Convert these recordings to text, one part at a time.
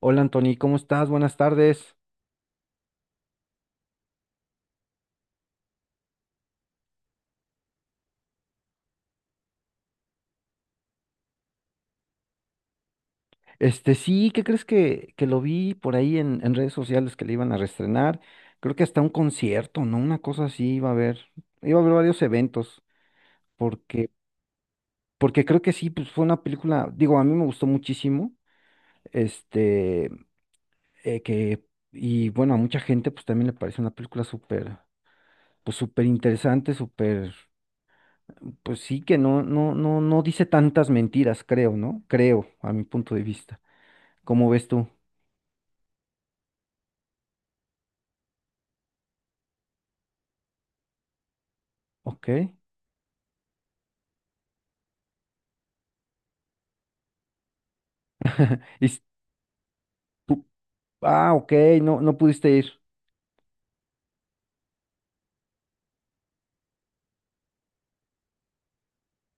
Hola Anthony, ¿cómo estás? Buenas tardes. Este, sí, ¿qué crees que lo vi por ahí en redes sociales que le iban a reestrenar? Creo que hasta un concierto, ¿no? Una cosa así iba a haber. Iba a haber varios eventos, porque, porque creo que sí, pues fue una película, digo, a mí me gustó muchísimo, este, eh, que, y bueno, a mucha gente pues también le parece una película súper, pues súper interesante, súper, pues sí que no, no, no, no dice tantas mentiras, creo, ¿no? Creo, a mi punto de vista. ¿Cómo ves tú? Ok. Y s- pu- ah, ok, no, no pudiste ir.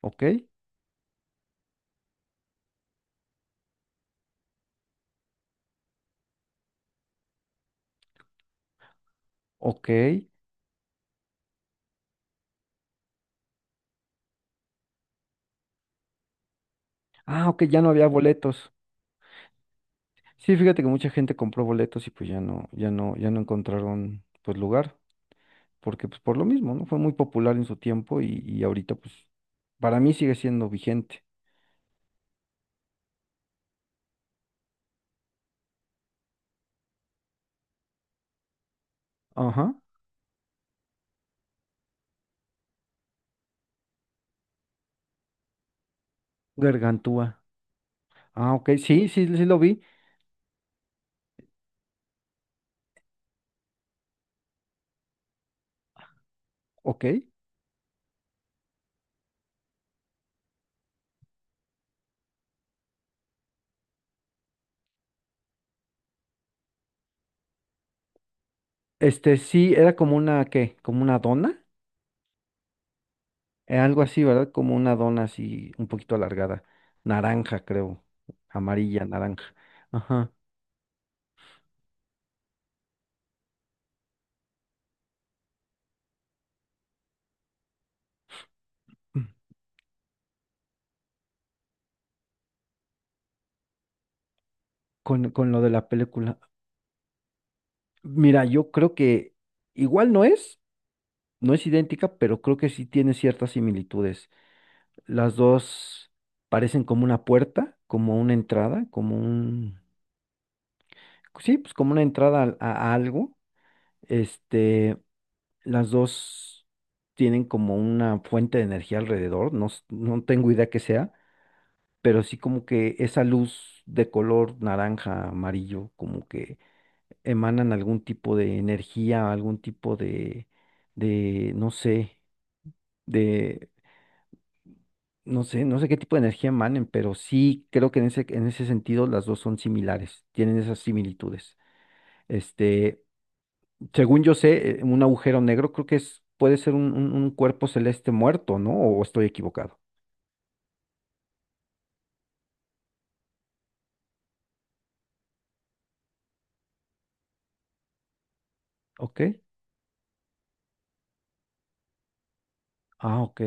Ok, ok. Ah, ok, ya no había boletos. Sí, fíjate que mucha gente compró boletos y pues ya no, ya no, ya no encontraron pues lugar, porque pues por lo mismo, ¿no? Fue muy popular en su tiempo y ahorita pues para mí sigue siendo vigente. Ajá. Gargantúa. Ah, ok, sí, sí, sí lo vi. Ok. Este, sí, era como una, ¿qué? Como una dona. Algo así, ¿verdad? Como una dona así, un poquito alargada. Naranja, creo. Amarilla, naranja. Ajá. Con lo de la película. Mira, yo creo que igual no es idéntica, pero creo que sí tiene ciertas similitudes. Las dos parecen como una puerta, como una entrada, como un. Sí, pues como una entrada a algo. Este, las dos tienen como una fuente de energía alrededor, no, no tengo idea qué sea pero sí como que esa luz de color naranja, amarillo, como que emanan algún tipo de energía, algún tipo de, no sé, de, no sé, no sé qué tipo de energía emanen, pero sí creo que en ese sentido las dos son similares, tienen esas similitudes. Este, según yo sé, un agujero negro creo que es, puede ser un cuerpo celeste muerto, ¿no? ¿O estoy equivocado? Ok. Ah, ok.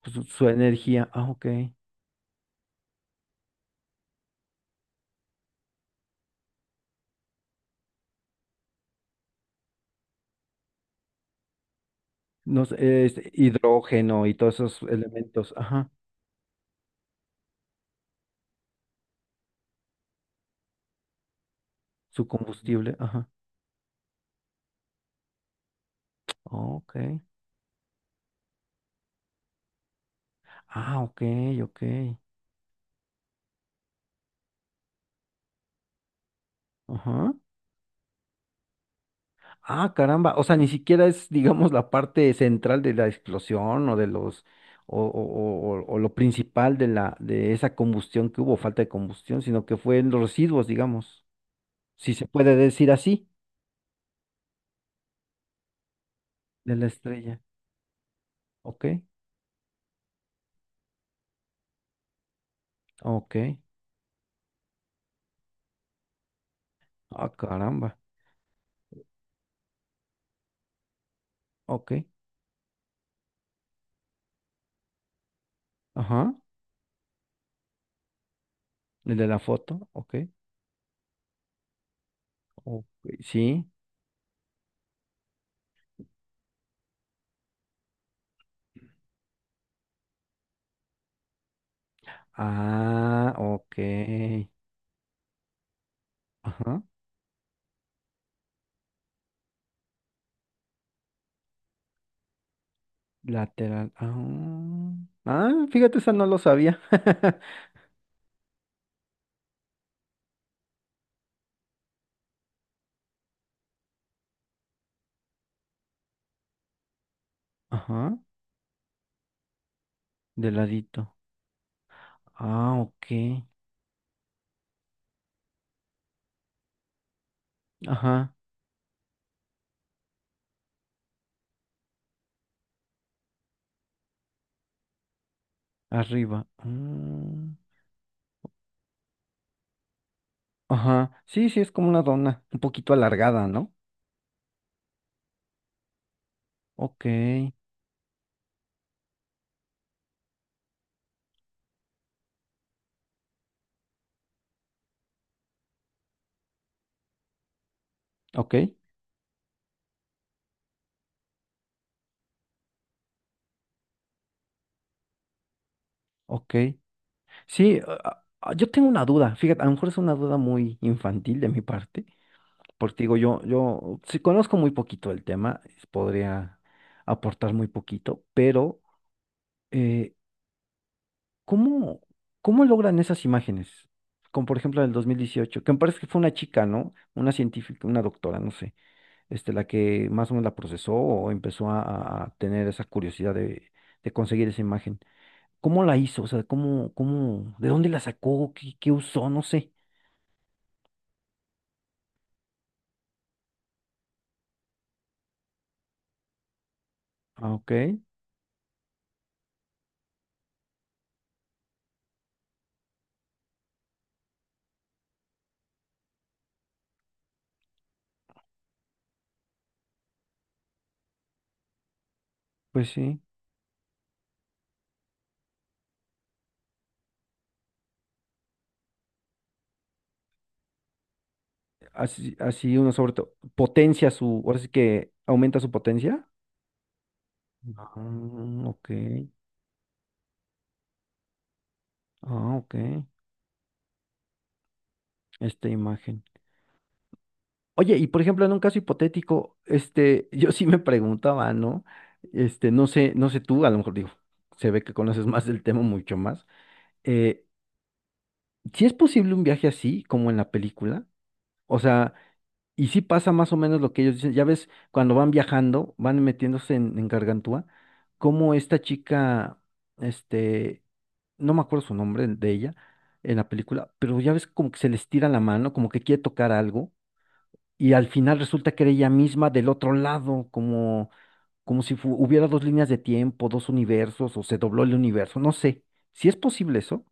Pues su energía. Ah, ok. No sé, es hidrógeno y todos esos elementos, ajá, su combustible, ajá. Ok. Ah, ok, ok. Ajá. Ah, caramba. O sea, ni siquiera es, digamos, la parte central de la explosión o de los, o lo principal de esa combustión que hubo, falta de combustión, sino que fue en los residuos, digamos, si se puede decir así, de la estrella. Ok, ok. Ah, caramba. Ok. Ajá. El de la foto, ok. Ok, sí. Ah, ok. Ajá. Lateral. Ah, ah, fíjate, esa no lo sabía. Ajá. De ladito. Ah, ok. Ajá. Arriba. Mm, ajá. Sí, sí, es como una dona. Un poquito alargada, ¿no? Ok. Ok. Ok. Sí, yo tengo una duda. Fíjate, a lo mejor es una duda muy infantil de mi parte. Porque digo, yo, si conozco muy poquito el tema, podría aportar muy poquito, pero eh, ¿cómo, cómo logran esas imágenes? Como por ejemplo del 2018 que me parece que fue una chica, ¿no? Una científica, una doctora, no sé, este, la que más o menos la procesó o empezó a tener esa curiosidad de conseguir esa imagen. ¿Cómo la hizo? O sea, ¿de dónde la sacó? ¿Qué usó? No sé. Ah, ok, pues sí. Así, así uno sobre todo potencia su, ahora sí que aumenta su potencia. Ah, ok. Ah, ok. Esta imagen. Oye, y por ejemplo, en un caso hipotético, este, yo sí me preguntaba, ¿no? Este, no sé, no sé tú, a lo mejor digo, se ve que conoces más del tema, mucho más. Eh, ¿sí es posible un viaje así, como en la película? O sea, y sí pasa más o menos lo que ellos dicen. Ya ves, cuando van viajando, van metiéndose en Gargantúa, como esta chica, este, no me acuerdo su nombre de ella en la película, pero ya ves como que se les tira la mano, como que quiere tocar algo y al final resulta que era ella misma del otro lado, como si hubiera dos líneas de tiempo, dos universos, o se dobló el universo, no sé. ¿Si es posible eso?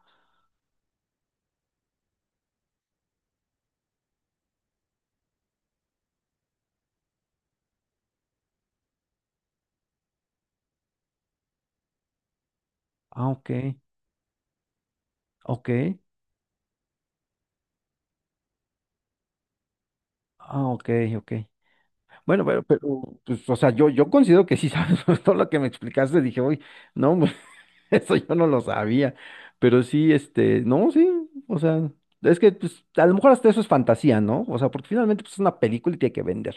Ah, ok, ok, ah, ok, ok. Bueno, pero, pues, o sea, yo considero que sí sabes todo lo que me explicaste, dije, uy, no, pues, eso yo no lo sabía, pero sí, este, no, sí, o sea, es que, pues, a lo mejor hasta eso es fantasía, ¿no? O sea, porque finalmente, pues, es una película y tiene que vender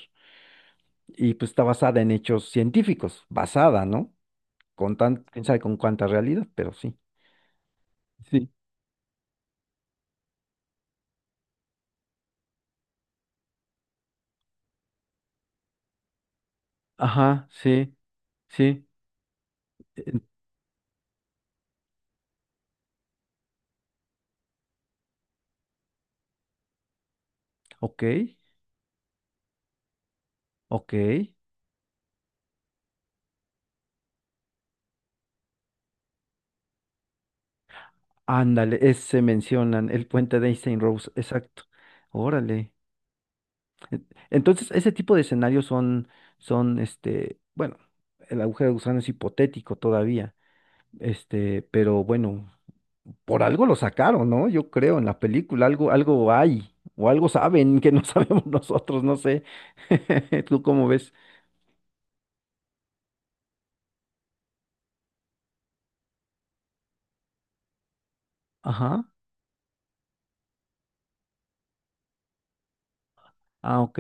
y pues está basada en hechos científicos, basada, ¿no? Con tan, quién sabe con cuánta realidad, pero sí. Sí. Ajá, sí, sí. Eh, ok, ok. Ándale, ese mencionan, el puente de Einstein-Rose, exacto. Órale. Eh, Entonces, ese tipo de escenarios son, este, bueno, el agujero de gusano es hipotético todavía, este, pero bueno, por algo lo sacaron, ¿no? Yo creo, en la película, algo hay, o algo saben que no sabemos nosotros, no sé. ¿Tú cómo ves? Ajá. Ah, ok.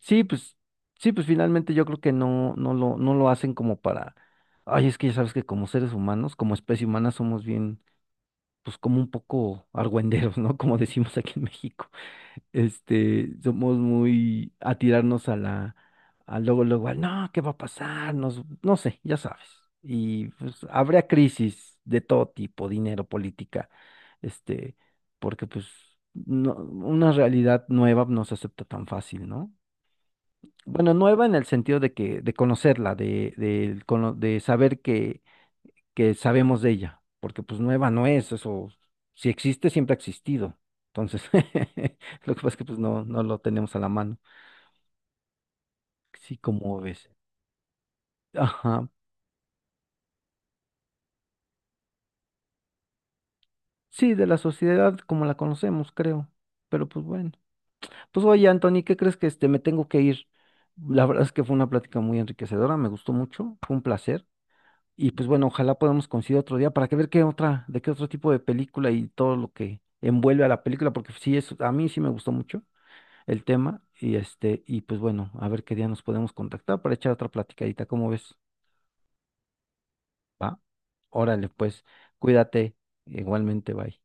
Sí, pues, sí, pues finalmente yo creo que no, no lo hacen como para. Ay, es que ya sabes que como seres humanos, como especie humana, somos bien, pues como un poco argüenderos, ¿no? Como decimos aquí en México. Este, somos muy a tirarnos a la, a luego, luego, al, no, ¿qué va a pasar? No sé, ya sabes. Y pues habría crisis de todo tipo, dinero, política, este, porque pues no, una realidad nueva no se acepta tan fácil, ¿no? Bueno, nueva en el sentido de conocerla, de saber que sabemos de ella, porque pues nueva no es, eso, si existe, siempre ha existido. Entonces, lo que pasa es que pues no, no lo tenemos a la mano. Sí, como ves. Ajá. Sí, de la sociedad como la conocemos, creo. Pero pues bueno. Pues oye, Anthony, ¿qué crees que este me tengo que ir? La verdad es que fue una plática muy enriquecedora, me gustó mucho, fue un placer. Y pues bueno, ojalá podamos coincidir otro día para que ver qué otra, de qué otro tipo de película y todo lo que envuelve a la película, porque sí es, a mí sí me gustó mucho el tema y este, y pues bueno, a ver qué día nos podemos contactar para echar otra platicadita, ¿cómo ves? ¿Va? Órale, pues, cuídate, igualmente, bye.